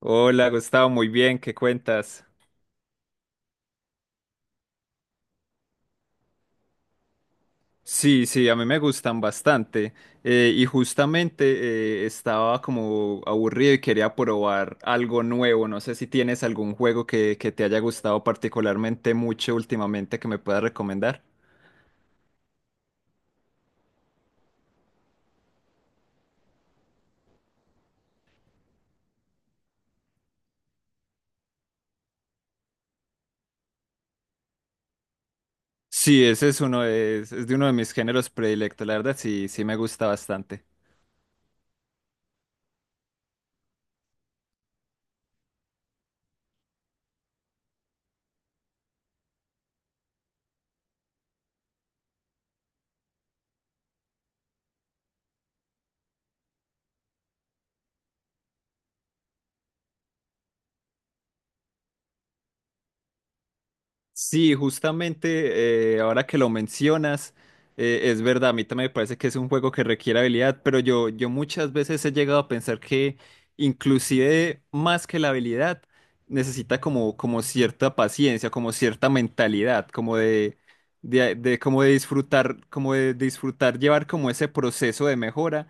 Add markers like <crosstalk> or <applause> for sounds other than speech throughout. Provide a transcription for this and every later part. Hola, Gustavo, muy bien, ¿qué cuentas? Sí, sí, a mí me gustan bastante. Y justamente, estaba como aburrido y quería probar algo nuevo. No sé si tienes algún juego que te haya gustado particularmente mucho últimamente que me puedas recomendar. Sí, ese es uno de, es de uno de mis géneros predilectos. La verdad, sí, sí me gusta bastante. Sí, justamente, ahora que lo mencionas, es verdad, a mí también me parece que es un juego que requiere habilidad, pero yo muchas veces he llegado a pensar que inclusive más que la habilidad, necesita como, como cierta paciencia, como cierta mentalidad, como de disfrutar llevar como ese proceso de mejora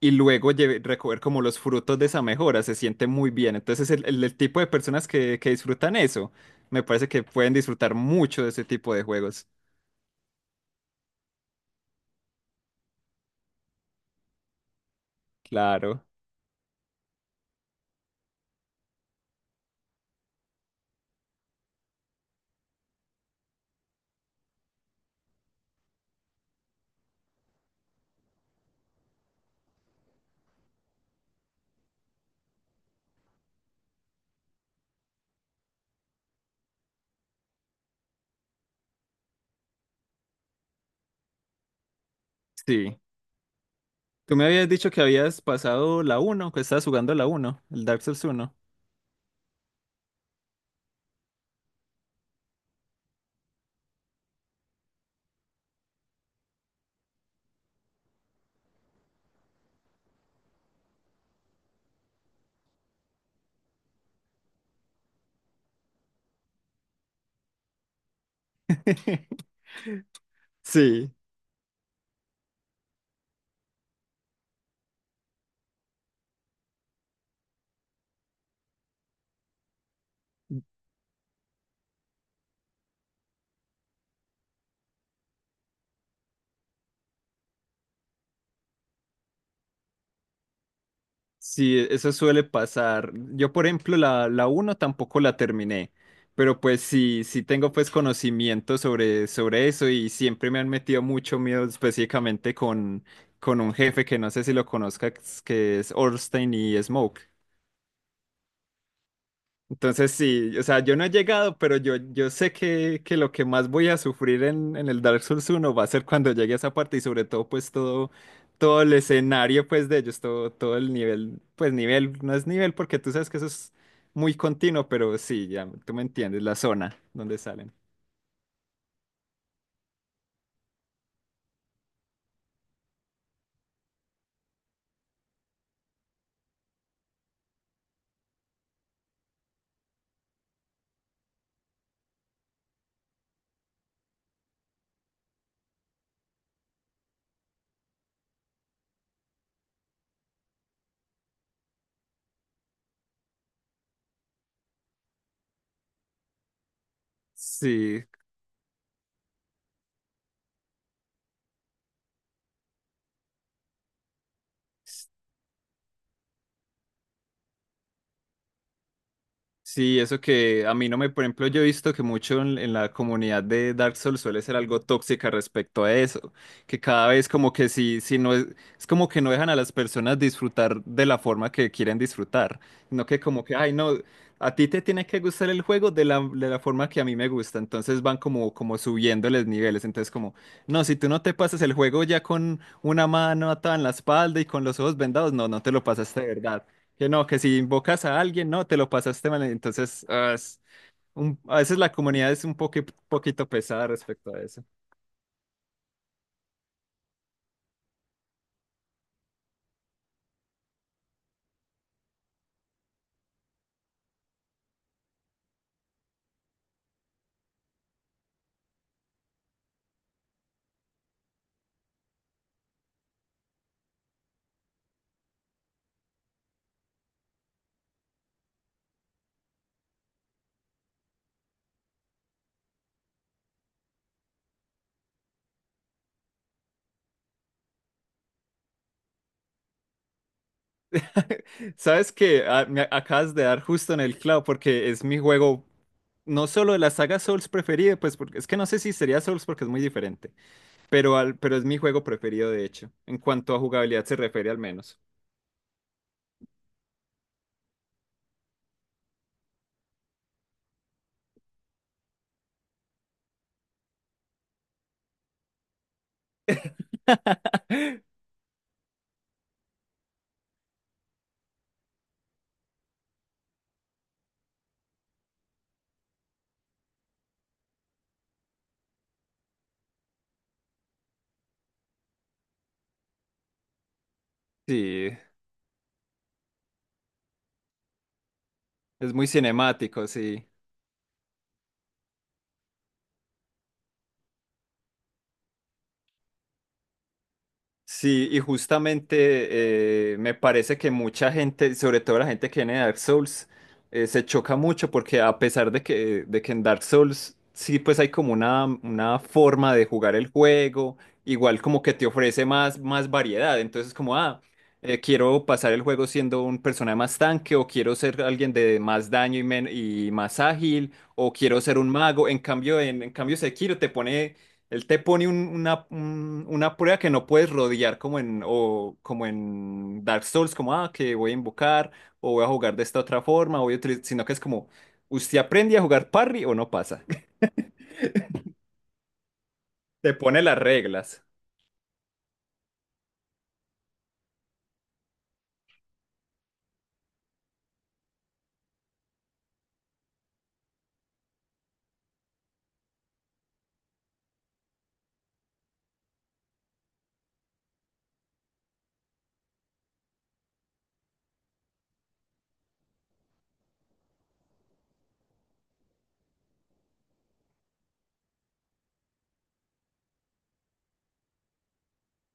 y luego recoger como los frutos de esa mejora. Se siente muy bien. Entonces, el tipo de personas que disfrutan eso, me parece que pueden disfrutar mucho de ese tipo de juegos. Claro, sí. Tú me habías dicho que habías pasado la uno, que estabas jugando la uno, el Dark Souls uno. <laughs> Sí. Sí, eso suele pasar. Yo, por ejemplo, la uno tampoco la terminé, pero pues sí, sí tengo pues conocimiento sobre eso, y siempre me han metido mucho miedo específicamente con un jefe que no sé si lo conozcas, que es Orstein y Smoke. Entonces sí, o sea, yo no he llegado, pero yo sé que lo que más voy a sufrir en el Dark Souls uno va a ser cuando llegue a esa parte, y sobre todo pues todo, todo el escenario pues de ellos, todo, todo el nivel, pues nivel, no es nivel porque tú sabes que eso es muy continuo, pero sí, ya tú me entiendes, la zona donde salen. Sí. Sí, eso que a mí no me, por ejemplo, yo he visto que mucho en la comunidad de Dark Souls suele ser algo tóxica respecto a eso, que cada vez como que si no es, es como que no dejan a las personas disfrutar de la forma que quieren disfrutar. No que como que, ay, no, a ti te tiene que gustar el juego de la forma que a mí me gusta, entonces van como, como subiéndoles niveles, entonces como, no, si tú no te pasas el juego ya con una mano atada en la espalda y con los ojos vendados, no, no te lo pasaste de verdad. Que no, que si invocas a alguien, no, te lo pasaste mal. Entonces, ah, es a veces la comunidad es un poquito pesada respecto a eso. <laughs> Sabes que me acabas de dar justo en el clavo porque es mi juego, no solo de la saga Souls preferido, pues porque es que no sé si sería Souls porque es muy diferente, pero, al, pero es mi juego preferido, de hecho, en cuanto a jugabilidad se refiere, al menos. <laughs> Sí, es muy cinemático, sí. Sí, y justamente, me parece que mucha gente, sobre todo la gente que viene de Dark Souls, se choca mucho porque a pesar de que en Dark Souls sí pues hay como una forma de jugar el juego, igual como que te ofrece más variedad, entonces como, ah, quiero pasar el juego siendo un personaje más tanque, o quiero ser alguien de más daño y, y más ágil, o quiero ser un mago. En cambio, en cambio Sekiro te pone, él te pone una prueba que no puedes rodear como en, o como en Dark Souls, como, ah, que voy a invocar, o voy a jugar de esta otra forma, o voy a utilizar, sino que es como, ¿usted aprende a jugar parry o no pasa? <laughs> Te pone las reglas.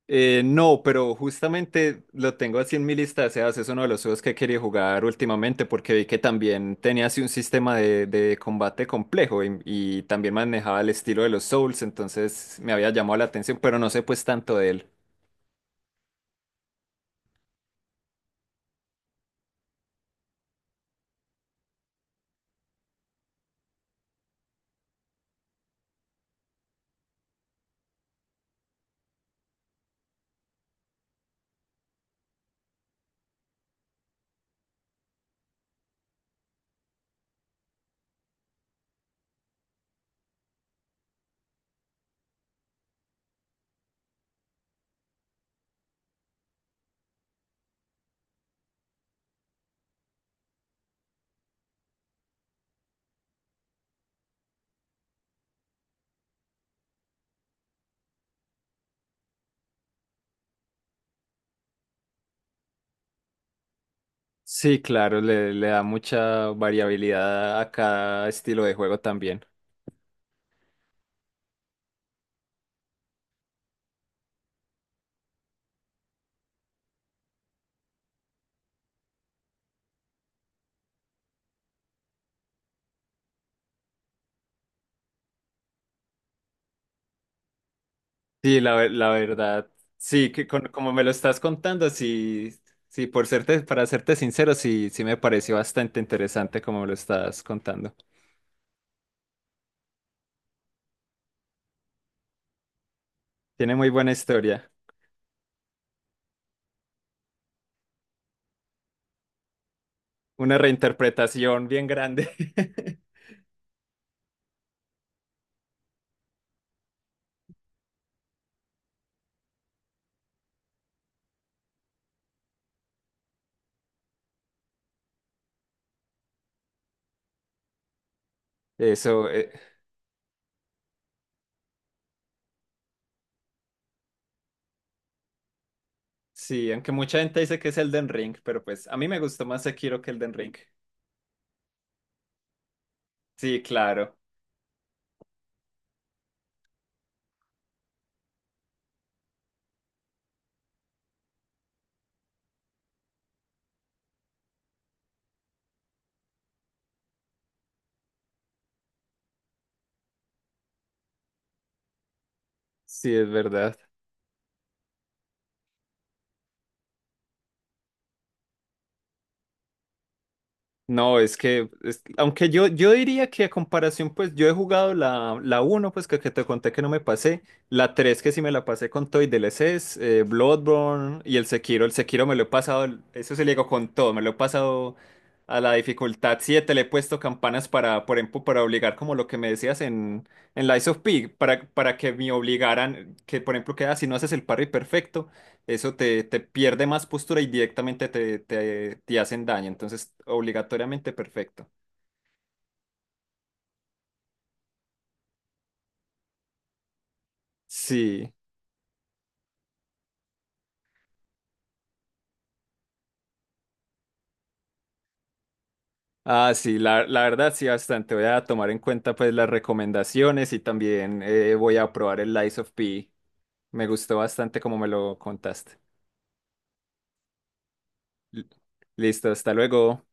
No, pero justamente lo tengo así en mi lista de deseados. Es uno de los juegos que quería jugar últimamente porque vi que también tenía así un sistema de combate complejo, y también manejaba el estilo de los Souls, entonces me había llamado la atención, pero no sé pues tanto de él. Sí, claro, le da mucha variabilidad a cada estilo de juego también. Sí, la verdad, sí, que como me lo estás contando, sí, sí, para serte sincero, sí, sí me pareció bastante interesante como me lo estás contando. Tiene muy buena historia, una reinterpretación bien grande. <laughs> Eso, sí, aunque mucha gente dice que es Elden Ring, pero pues a mí me gustó más Sekiro que Elden Ring. Sí, claro, sí, es verdad. No, aunque yo diría que a comparación, pues yo he jugado la uno, pues que te conté que no me pasé, la tres, que sí me la pasé con todo y DLCs, Bloodborne y el Sekiro. El Sekiro me lo he pasado, eso se le digo, con todo, me lo he pasado a la dificultad 7. Le he puesto campanas para, por ejemplo, para obligar, como lo que me decías en Lies of P, para que me obligaran, que por ejemplo, que ah, si no haces el parry perfecto, eso te, te pierde más postura y directamente te hacen daño. Entonces, obligatoriamente perfecto. Sí. Ah, sí, la verdad sí, bastante. Voy a tomar en cuenta pues las recomendaciones y también, voy a probar el Lies of P. Me gustó bastante como me lo contaste. L- Listo, hasta luego.